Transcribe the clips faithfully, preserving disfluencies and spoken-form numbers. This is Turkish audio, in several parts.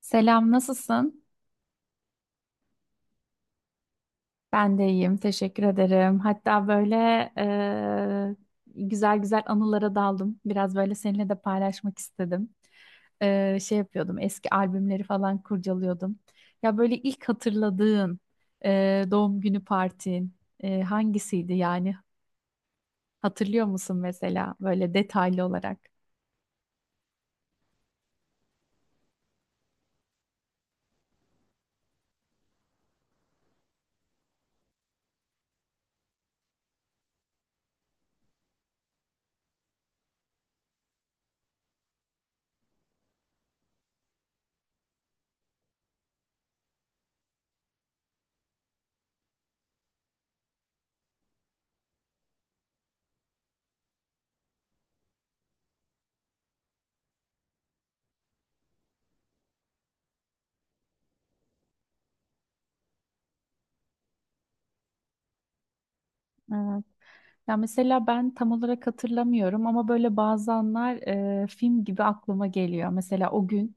Selam, nasılsın? Ben de iyiyim, teşekkür ederim. Hatta böyle e, güzel güzel anılara daldım. Biraz böyle seninle de paylaşmak istedim. E, şey yapıyordum, eski albümleri falan kurcalıyordum. Ya böyle ilk hatırladığın e, doğum günü partin e, hangisiydi yani? Hatırlıyor musun mesela böyle detaylı olarak? Evet. Ya mesela ben tam olarak hatırlamıyorum ama böyle bazı anlar e, film gibi aklıma geliyor. Mesela o gün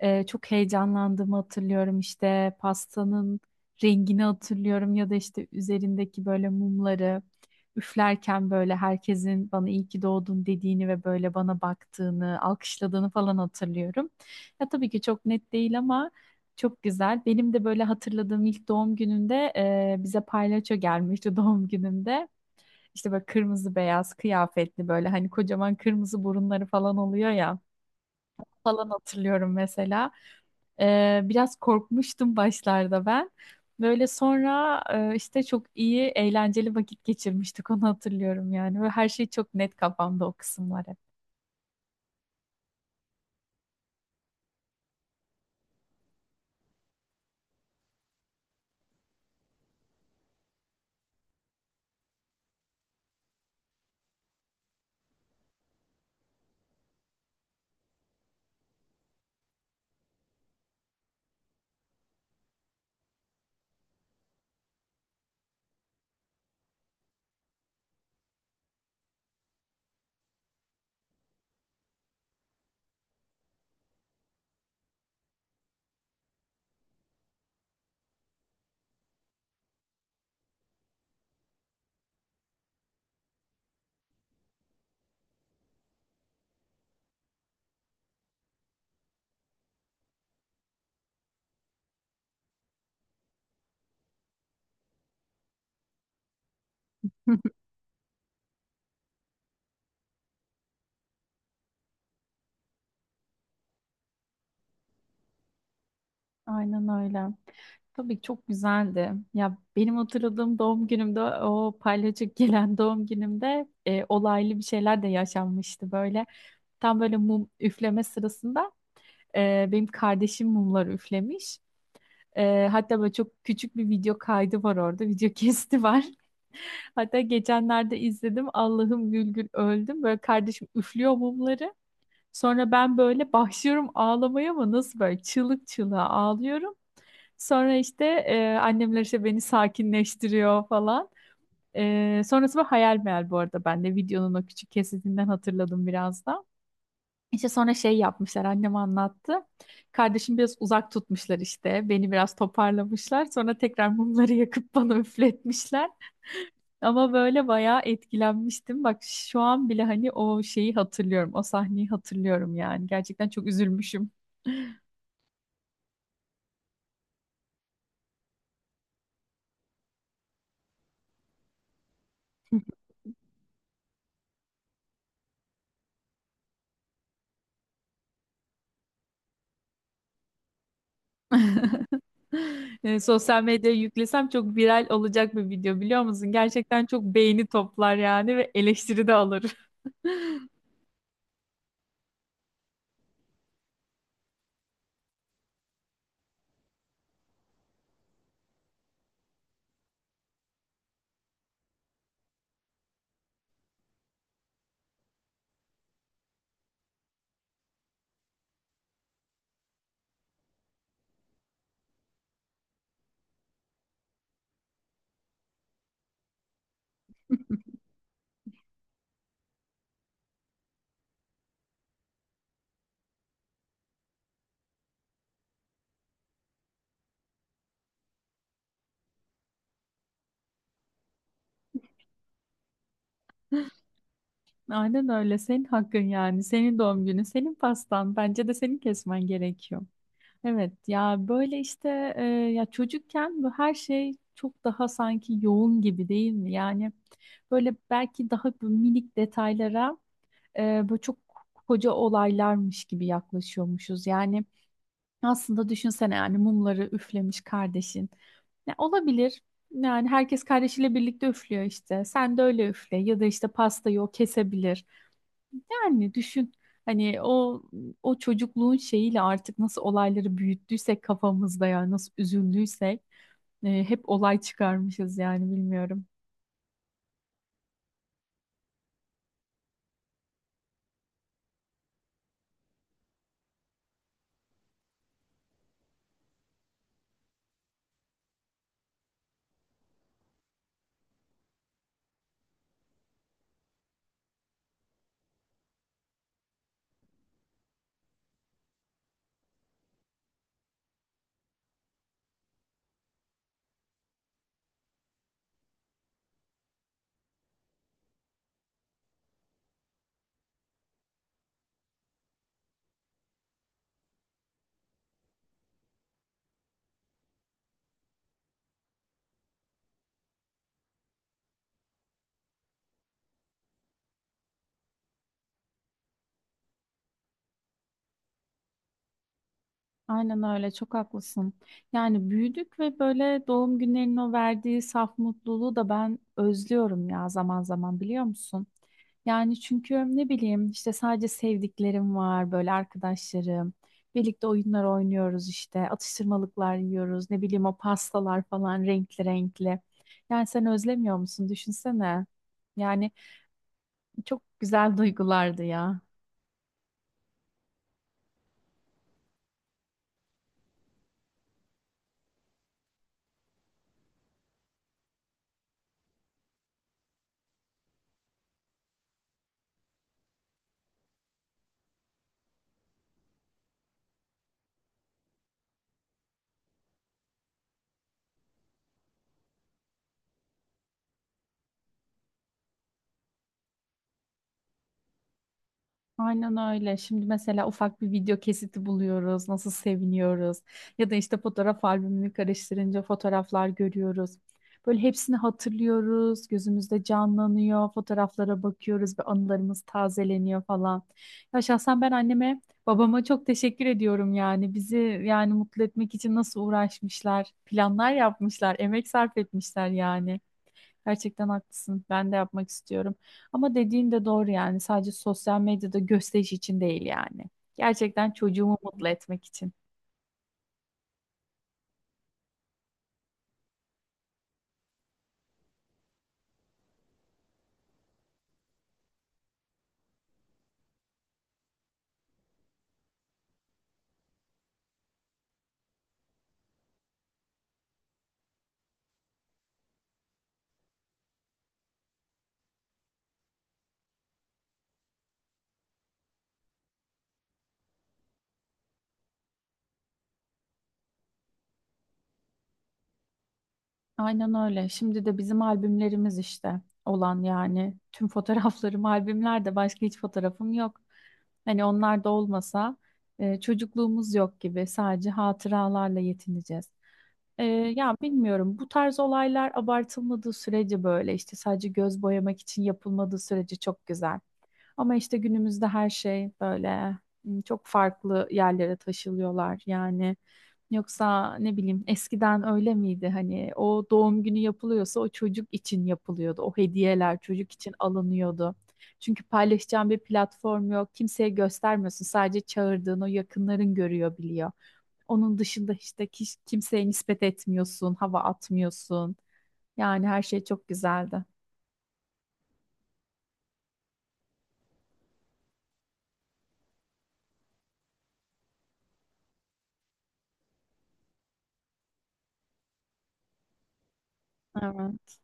e, çok heyecanlandığımı hatırlıyorum. İşte pastanın rengini hatırlıyorum ya da işte üzerindeki böyle mumları üflerken böyle herkesin bana iyi ki doğdun dediğini ve böyle bana baktığını, alkışladığını falan hatırlıyorum. Ya tabii ki çok net değil ama çok güzel. Benim de böyle hatırladığım ilk doğum gününde e, bize palyaço gelmişti doğum günümde. İşte böyle kırmızı beyaz kıyafetli böyle hani kocaman kırmızı burunları falan oluyor ya falan hatırlıyorum mesela. Ee, biraz korkmuştum başlarda ben. Böyle sonra e, işte çok iyi eğlenceli vakit geçirmiştik, onu hatırlıyorum yani. Ve her şey çok net kafamda, o kısımlar hep. Aynen öyle. Tabii ki çok güzeldi. Ya benim hatırladığım doğum günümde, o palyaço gelen doğum günümde, e, olaylı bir şeyler de yaşanmıştı böyle. Tam böyle mum üfleme sırasında Ee, benim kardeşim mumları üflemiş. Ee, hatta böyle çok küçük bir video kaydı var orada. Video kesti var. Hatta geçenlerde izledim. Allah'ım gül gül öldüm. Böyle kardeşim üflüyor mumları. Sonra ben böyle başlıyorum ağlamaya ama nasıl böyle çığlık çığlığa ağlıyorum. Sonra işte e, annemler işte beni sakinleştiriyor falan. E, sonrası bu hayal meyal, bu arada ben de videonun o küçük kesitinden hatırladım biraz da. İşte sonra şey yapmışlar, annem anlattı. Kardeşim biraz uzak tutmuşlar işte. Beni biraz toparlamışlar. Sonra tekrar mumları yakıp bana üfletmişler. Ama böyle bayağı etkilenmiştim. Bak şu an bile hani o şeyi hatırlıyorum. O sahneyi hatırlıyorum yani. Gerçekten çok üzülmüşüm. E, Sosyal medyaya yüklesem çok viral olacak bir video, biliyor musun? Gerçekten çok beğeni toplar yani ve eleştiri de alır. Aynen öyle. Senin hakkın yani. Senin doğum günü, senin pastan. Bence de senin kesmen gerekiyor. Evet ya, böyle işte e, ya çocukken bu her şey çok daha sanki yoğun gibi değil mi? Yani böyle belki daha bu minik detaylara e, böyle çok koca olaylarmış gibi yaklaşıyormuşuz. Yani aslında düşünsene, yani mumları üflemiş kardeşin. Ya olabilir. Yani herkes kardeşiyle birlikte üflüyor işte. Sen de öyle üfle ya da işte pastayı o kesebilir. Yani düşün, hani o o çocukluğun şeyiyle artık nasıl olayları büyüttüysek kafamızda, ya nasıl üzüldüysek e, hep olay çıkarmışız yani, bilmiyorum. Aynen öyle, çok haklısın. Yani büyüdük ve böyle doğum günlerinin o verdiği saf mutluluğu da ben özlüyorum ya zaman zaman, biliyor musun? Yani çünkü ne bileyim işte sadece sevdiklerim var, böyle arkadaşlarım. Birlikte oyunlar oynuyoruz, işte atıştırmalıklar yiyoruz, ne bileyim o pastalar falan renkli renkli. Yani sen özlemiyor musun? Düşünsene. Yani çok güzel duygulardı ya. Aynen öyle. Şimdi mesela ufak bir video kesiti buluyoruz, nasıl seviniyoruz. Ya da işte fotoğraf albümünü karıştırınca fotoğraflar görüyoruz. Böyle hepsini hatırlıyoruz, gözümüzde canlanıyor, fotoğraflara bakıyoruz ve anılarımız tazeleniyor falan. Ya şahsen ben anneme, babama çok teşekkür ediyorum yani. Bizi yani mutlu etmek için nasıl uğraşmışlar, planlar yapmışlar, emek sarf etmişler yani. Gerçekten haklısın. Ben de yapmak istiyorum. Ama dediğin de doğru yani. Sadece sosyal medyada gösteriş için değil yani. Gerçekten çocuğumu mutlu etmek için. Aynen öyle. Şimdi de bizim albümlerimiz işte olan yani. Tüm fotoğraflarım albümlerde. Başka hiç fotoğrafım yok. Hani onlar da olmasa e, çocukluğumuz yok gibi. Sadece hatıralarla yetineceğiz. E, ya bilmiyorum. Bu tarz olaylar abartılmadığı sürece, böyle işte sadece göz boyamak için yapılmadığı sürece çok güzel. Ama işte günümüzde her şey böyle m, çok farklı yerlere taşılıyorlar yani. Yoksa ne bileyim, eskiden öyle miydi? Hani o doğum günü yapılıyorsa o çocuk için yapılıyordu. O hediyeler çocuk için alınıyordu. Çünkü paylaşacağın bir platform yok. Kimseye göstermiyorsun. Sadece çağırdığın o yakınların görüyor, biliyor. Onun dışında işte kiş- kimseye nispet etmiyorsun, hava atmıyorsun. Yani her şey çok güzeldi. Evet.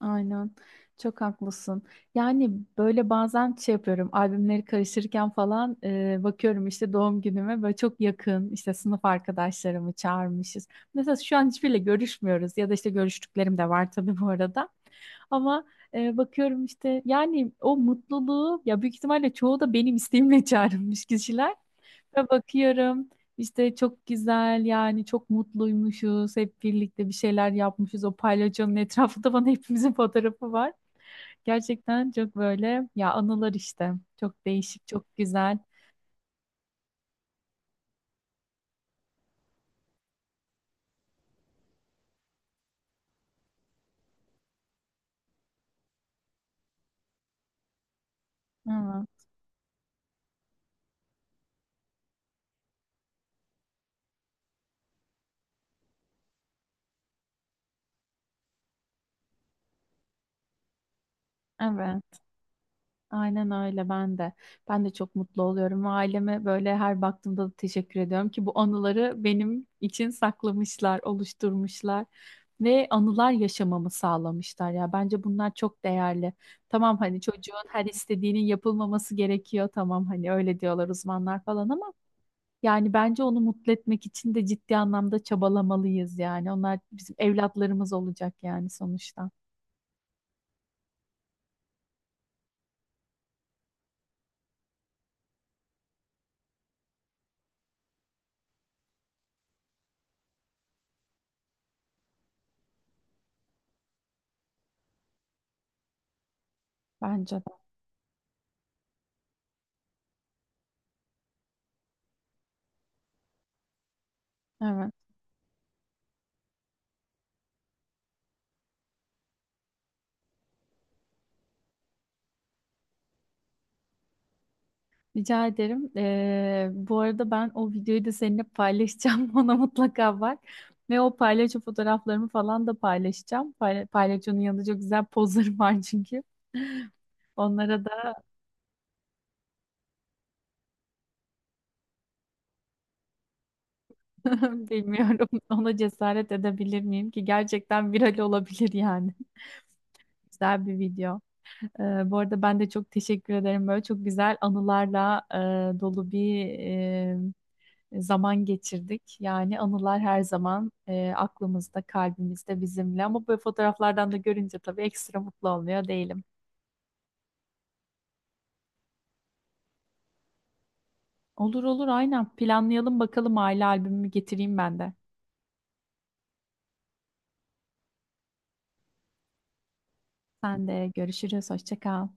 Aynen. Çok haklısın. Yani böyle bazen şey yapıyorum. Albümleri karışırken falan e, bakıyorum işte doğum günüme böyle çok yakın işte sınıf arkadaşlarımı çağırmışız. Mesela şu an hiçbiriyle görüşmüyoruz ya da işte görüştüklerim de var tabii bu arada. Ama e, bakıyorum işte yani o mutluluğu, ya büyük ihtimalle çoğu da benim isteğimle çağrılmış kişiler. Ve bakıyorum işte çok güzel yani, çok mutluymuşuz, hep birlikte bir şeyler yapmışız, o palyaçonun etrafında bana hepimizin fotoğrafı var. Gerçekten çok böyle ya, anılar işte çok değişik, çok güzel. Ama evet. Aynen öyle, ben de. Ben de çok mutlu oluyorum ve aileme böyle her baktığımda da teşekkür ediyorum ki bu anıları benim için saklamışlar, oluşturmuşlar ve anılar yaşamamı sağlamışlar ya. Bence bunlar çok değerli. Tamam, hani çocuğun her istediğinin yapılmaması gerekiyor. Tamam, hani öyle diyorlar uzmanlar falan ama yani bence onu mutlu etmek için de ciddi anlamda çabalamalıyız yani. Onlar bizim evlatlarımız olacak yani sonuçta. Bence de. Evet. Rica ederim. Ee, bu arada ben o videoyu da seninle paylaşacağım. Ona mutlaka bak. Ve o paylaşı fotoğraflarımı falan da paylaşacağım. Payla paylaşının yanında çok güzel pozlarım var çünkü. Onlara da bilmiyorum, ona cesaret edebilir miyim ki? Gerçekten viral olabilir yani. Güzel bir video. Ee, bu arada ben de çok teşekkür ederim. Böyle çok güzel anılarla e, dolu bir e, zaman geçirdik. Yani anılar her zaman e, aklımızda, kalbimizde, bizimle. Ama böyle fotoğraflardan da görünce tabii ekstra mutlu olmuyor değilim. Olur olur, aynen. Planlayalım bakalım, aile albümümü getireyim ben de. Sen de görüşürüz. Hoşça kal.